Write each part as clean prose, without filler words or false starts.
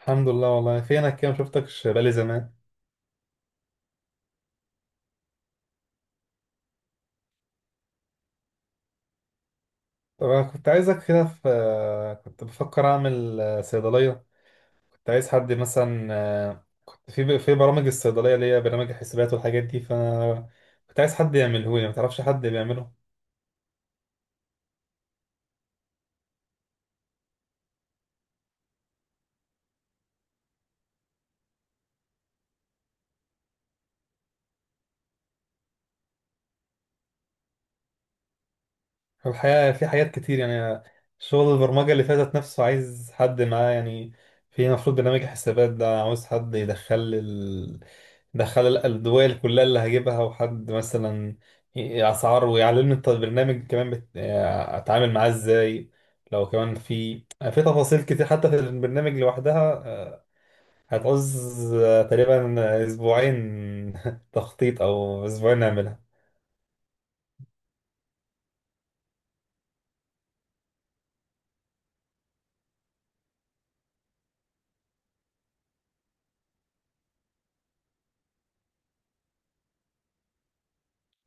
الحمد لله. والله فينك كده، مشفتكش بقالي زمان. طب انا كنت عايزك، كده كنت بفكر اعمل صيدليه. كنت عايز حد مثلا، كنت في برامج الصيدليه اللي هي برامج الحسابات والحاجات دي، فانا كنت عايز حد يعمله لي. ما تعرفش حد بيعمله؟ الحقيقه في حاجات كتير يعني. شغل البرمجه اللي فاتت نفسه عايز حد معاه يعني. في المفروض برنامج الحسابات ده عاوز حد يدخل، دخل الدول كلها اللي هجيبها، وحد مثلا اسعار، ويعلمني البرنامج كمان بت... آه، اتعامل معاه ازاي. لو كمان في، في تفاصيل كتير حتى في البرنامج لوحدها، هتعوز تقريبا اسبوعين تخطيط، او اسبوعين نعملها.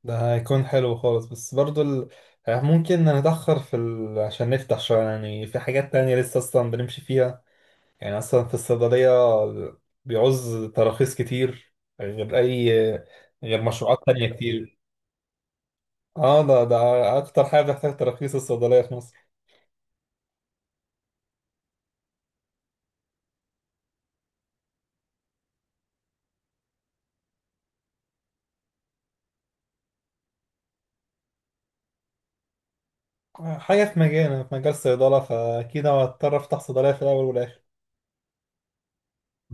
ده هيكون حلو خالص، بس برضو ال... آه، ممكن نتأخر في عشان نفتح، شوية يعني في حاجات تانية لسه أصلا بنمشي فيها. يعني اصلا في الصيدليه بيعوز تراخيص كتير، غير اي، غير مشروعات تانية كتير. اه، ده اكتر حاجه بتحتاج تراخيص الصيدليه في مصر. حاجه في مجال، في مجال الصيدله، فاكيد هضطر افتح صيدليه في الاول والاخر.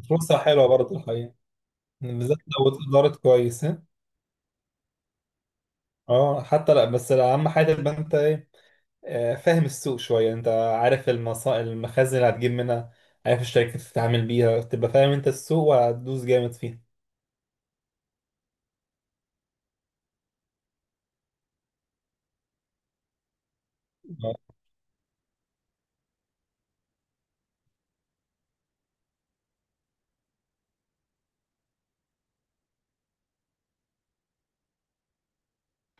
فرصه حلوه برضه الحقيقه، بالذات لو اتدارت كويس، ها؟ اه حتى لا، بس اهم حاجه تبقى انت ايه، فاهم السوق شويه. انت عارف المخازن اللي هتجيب منها، عارف الشركات اللي تتعامل بيها، تبقى فاهم انت السوق، وهتدوس جامد فيه.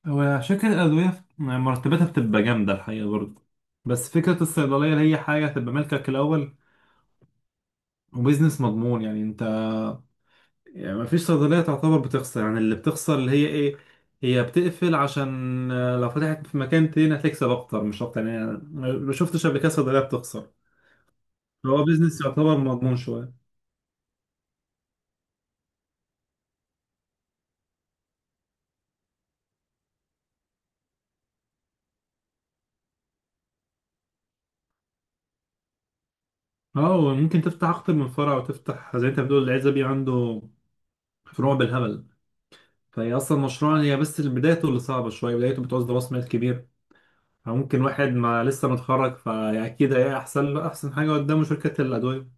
هو عشان كده الأدوية مرتباتها بتبقى جامدة الحقيقة برضه، بس فكرة الصيدلية اللي هي حاجة تبقى ملكك الأول، وبيزنس مضمون يعني. أنت يعني مفيش صيدلية تعتبر بتخسر، يعني اللي بتخسر اللي هي إيه، هي بتقفل. عشان لو فتحت في مكان تاني هتكسب أكتر، مش أكتر يعني. أنا ما شفتش قبل كده صيدلية بتخسر. هو بيزنس يعتبر مضمون شوية. أه، وممكن تفتح أكتر من فرع، وتفتح زي أنت بتقول العزبي عنده فروع بالهبل. فهي أصلا مشروع، هي بس بدايته اللي صعبة شوية، بدايته بتعوز راس مال كبير. فممكن واحد ما لسه متخرج، فأكيد هي أحسن له، أحسن حاجة قدامه شركة الأدوية،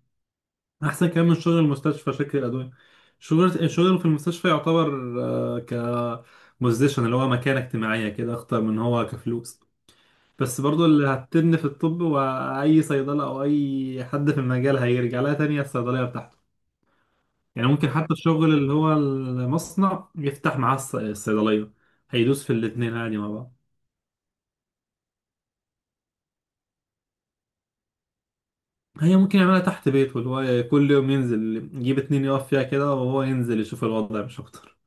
أحسن كمان من شغل المستشفى شركة الأدوية. شغل، الشغل في المستشفى يعتبر آه، كبوزيشن اللي هو مكانة اجتماعية، كده أخطر من هو كفلوس. بس برضو اللي هتبني في الطب، وأي صيدلة أو أي حد في المجال هيرجع لها تانية، الصيدلية بتاعته. يعني ممكن حتى الشغل اللي هو المصنع يفتح معاه الصيدلية، هيدوس في الاتنين عادي مع بعض. هي ممكن يعملها تحت بيته، اللي هو كل يوم ينزل يجيب اتنين يقف فيها كده، وهو ينزل يشوف الوضع، مش أكتر.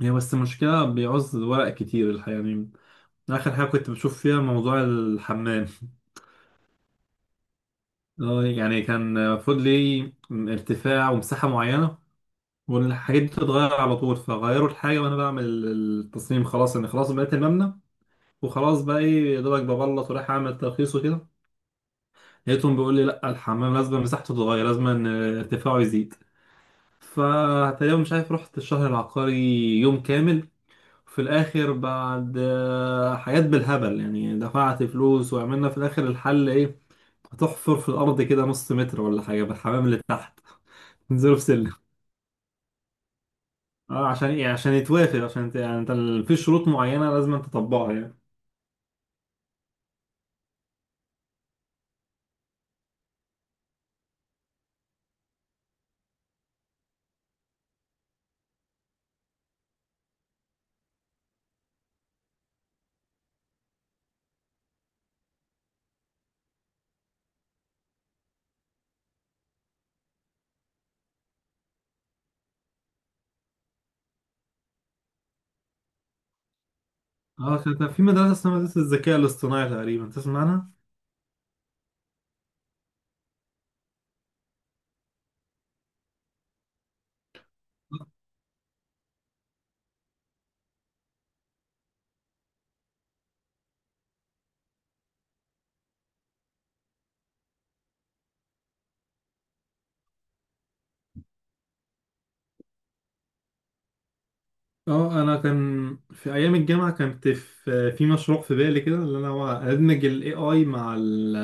هي بس المشكلة بيعوز ورق كتير الحقيقة يعني. آخر حاجة كنت بشوف فيها موضوع الحمام. يعني كان المفروض ليه ارتفاع ومساحة معينة، والحاجات دي بتتغير على طول، فغيروا الحاجة وأنا بعمل التصميم. خلاص أنا خلاص بقيت المبنى، وخلاص بقى إيه، يا دوبك ببلط، ورايح أعمل ترخيص وكده، لقيتهم بيقول لي لأ الحمام لازم مساحته تتغير، لازم إن ارتفاعه يزيد. فتقريبا مش عارف، رحت الشهر العقاري يوم كامل، في الاخر بعد حاجات بالهبل يعني، دفعت فلوس، وعملنا في الاخر الحل ايه، هتحفر في الارض كده نص متر ولا حاجه بالحمام اللي تحت، نزله في سلم. اه، عشان ايه؟ عشان يتوافق، عشان انت يعني انت في شروط معينه لازم انت تطبقها يعني. اه كان في مدرسه اسمها مدرسه الذكاء الاصطناعي، تقريبا تسمع عنها. اه انا كان في ايام الجامعه، كانت في مشروع في بالي كده، اللي انا هو ادمج الاي اي مع ال،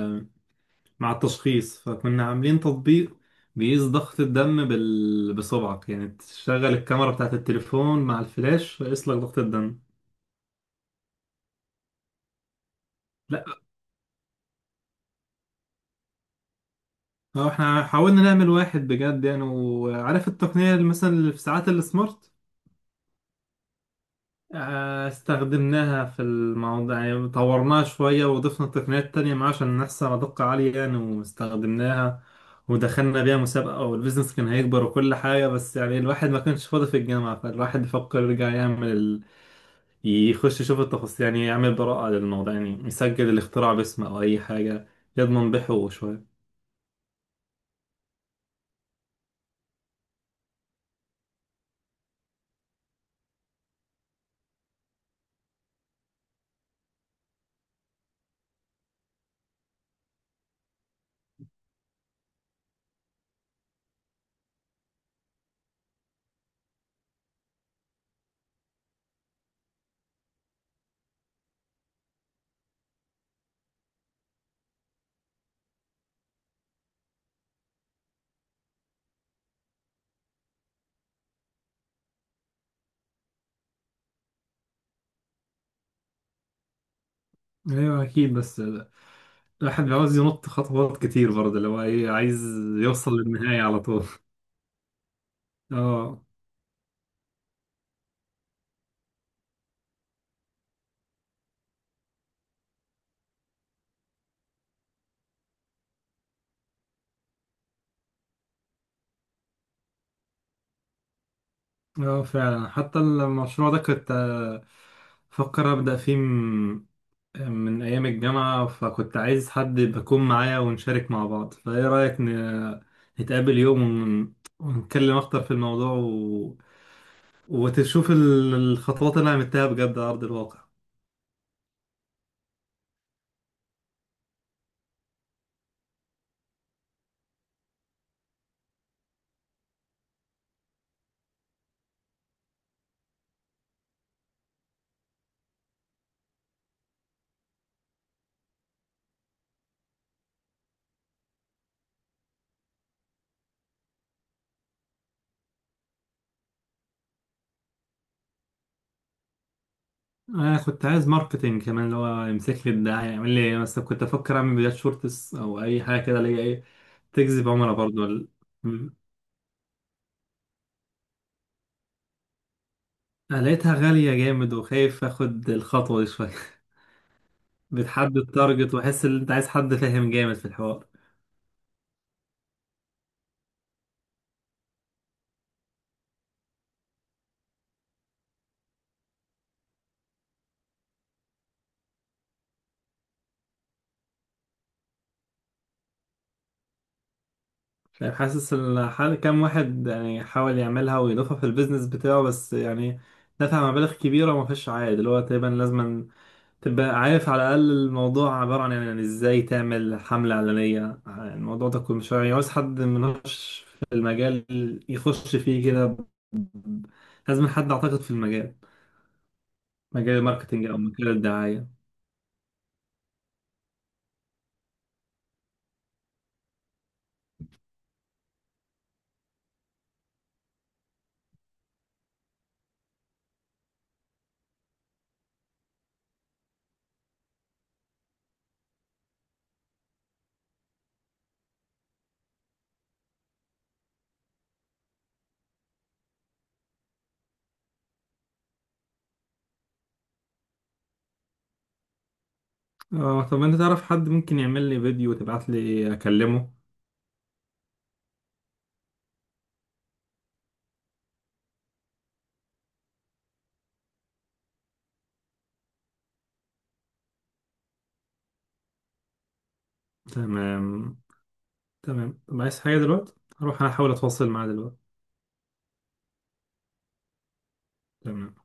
مع التشخيص، فكنا عاملين تطبيق بيقيس ضغط الدم بصبعك، يعني تشغل الكاميرا بتاعت التليفون مع الفلاش، فيقيس لك ضغط الدم. لا هو احنا حاولنا نعمل واحد بجد يعني، وعارف التقنية اللي مثلا اللي في ساعات السمارت، استخدمناها في الموضوع يعني، طورناها شوية وضفنا تقنيات تانية معاه عشان نحصل على دقة عالية يعني، واستخدمناها ودخلنا بيها مسابقة، والبيزنس كان هيكبر وكل حاجة، بس يعني الواحد ما كانش فاضي في الجامعة، فالواحد بيفكر يرجع يعمل، يخش يشوف التفاصيل يعني، يعمل براءة للموضوع يعني، يسجل الاختراع باسمه أو أي حاجة، يضمن بحقوقه شوية. أيوة أكيد، بس الواحد عاوز ينط خطوات كتير برضه، اللي هو إيه، عايز يوصل للنهاية على طول. اه. اه فعلا حتى المشروع ده كنت، فكر أبدأ فيه من أيام الجامعة، فكنت عايز حد بكون معايا ونشارك مع بعض، فإيه رأيك نتقابل يوم ونتكلم أكتر في الموضوع، وتشوف الخطوات اللي انا عملتها بجد على ارض الواقع. انا كنت عايز ماركتينج كمان، اللي هو يمسك لي الدعايه، يعمل لي إيه مثلا، كنت افكر اعمل فيديوهات شورتس او اي حاجه كده، اللي هي ايه تجذب عملاء برضو ال- م. أنا لقيتها غاليه جامد، وخايف اخد الخطوه دي شويه. بتحدد تارجت، واحس ان انت عايز حد فاهم جامد في الحوار. مش عارف، حاسس ان حال كام واحد يعني حاول يعملها ويضيفها في البيزنس بتاعه، بس يعني دفع مبالغ كبيره وما فيش عائد. اللي هو تقريبا لازما تبقى عارف على الأقل الموضوع، عبارة عن يعني إزاي تعمل حملة إعلانية. الموضوع ده كله مش يعني عاوز حد منهش في المجال يخش فيه كده، لازم حد أعتقد في المجال، مجال الماركتينج أو مجال الدعاية. اه طب أنت تعرف حد ممكن يعمل لي فيديو وتبعت لي أكلمه؟ تمام. تمام، طب عايز حاجة دلوقتي؟ هروح أنا أحاول أتواصل معاه دلوقتي. تمام.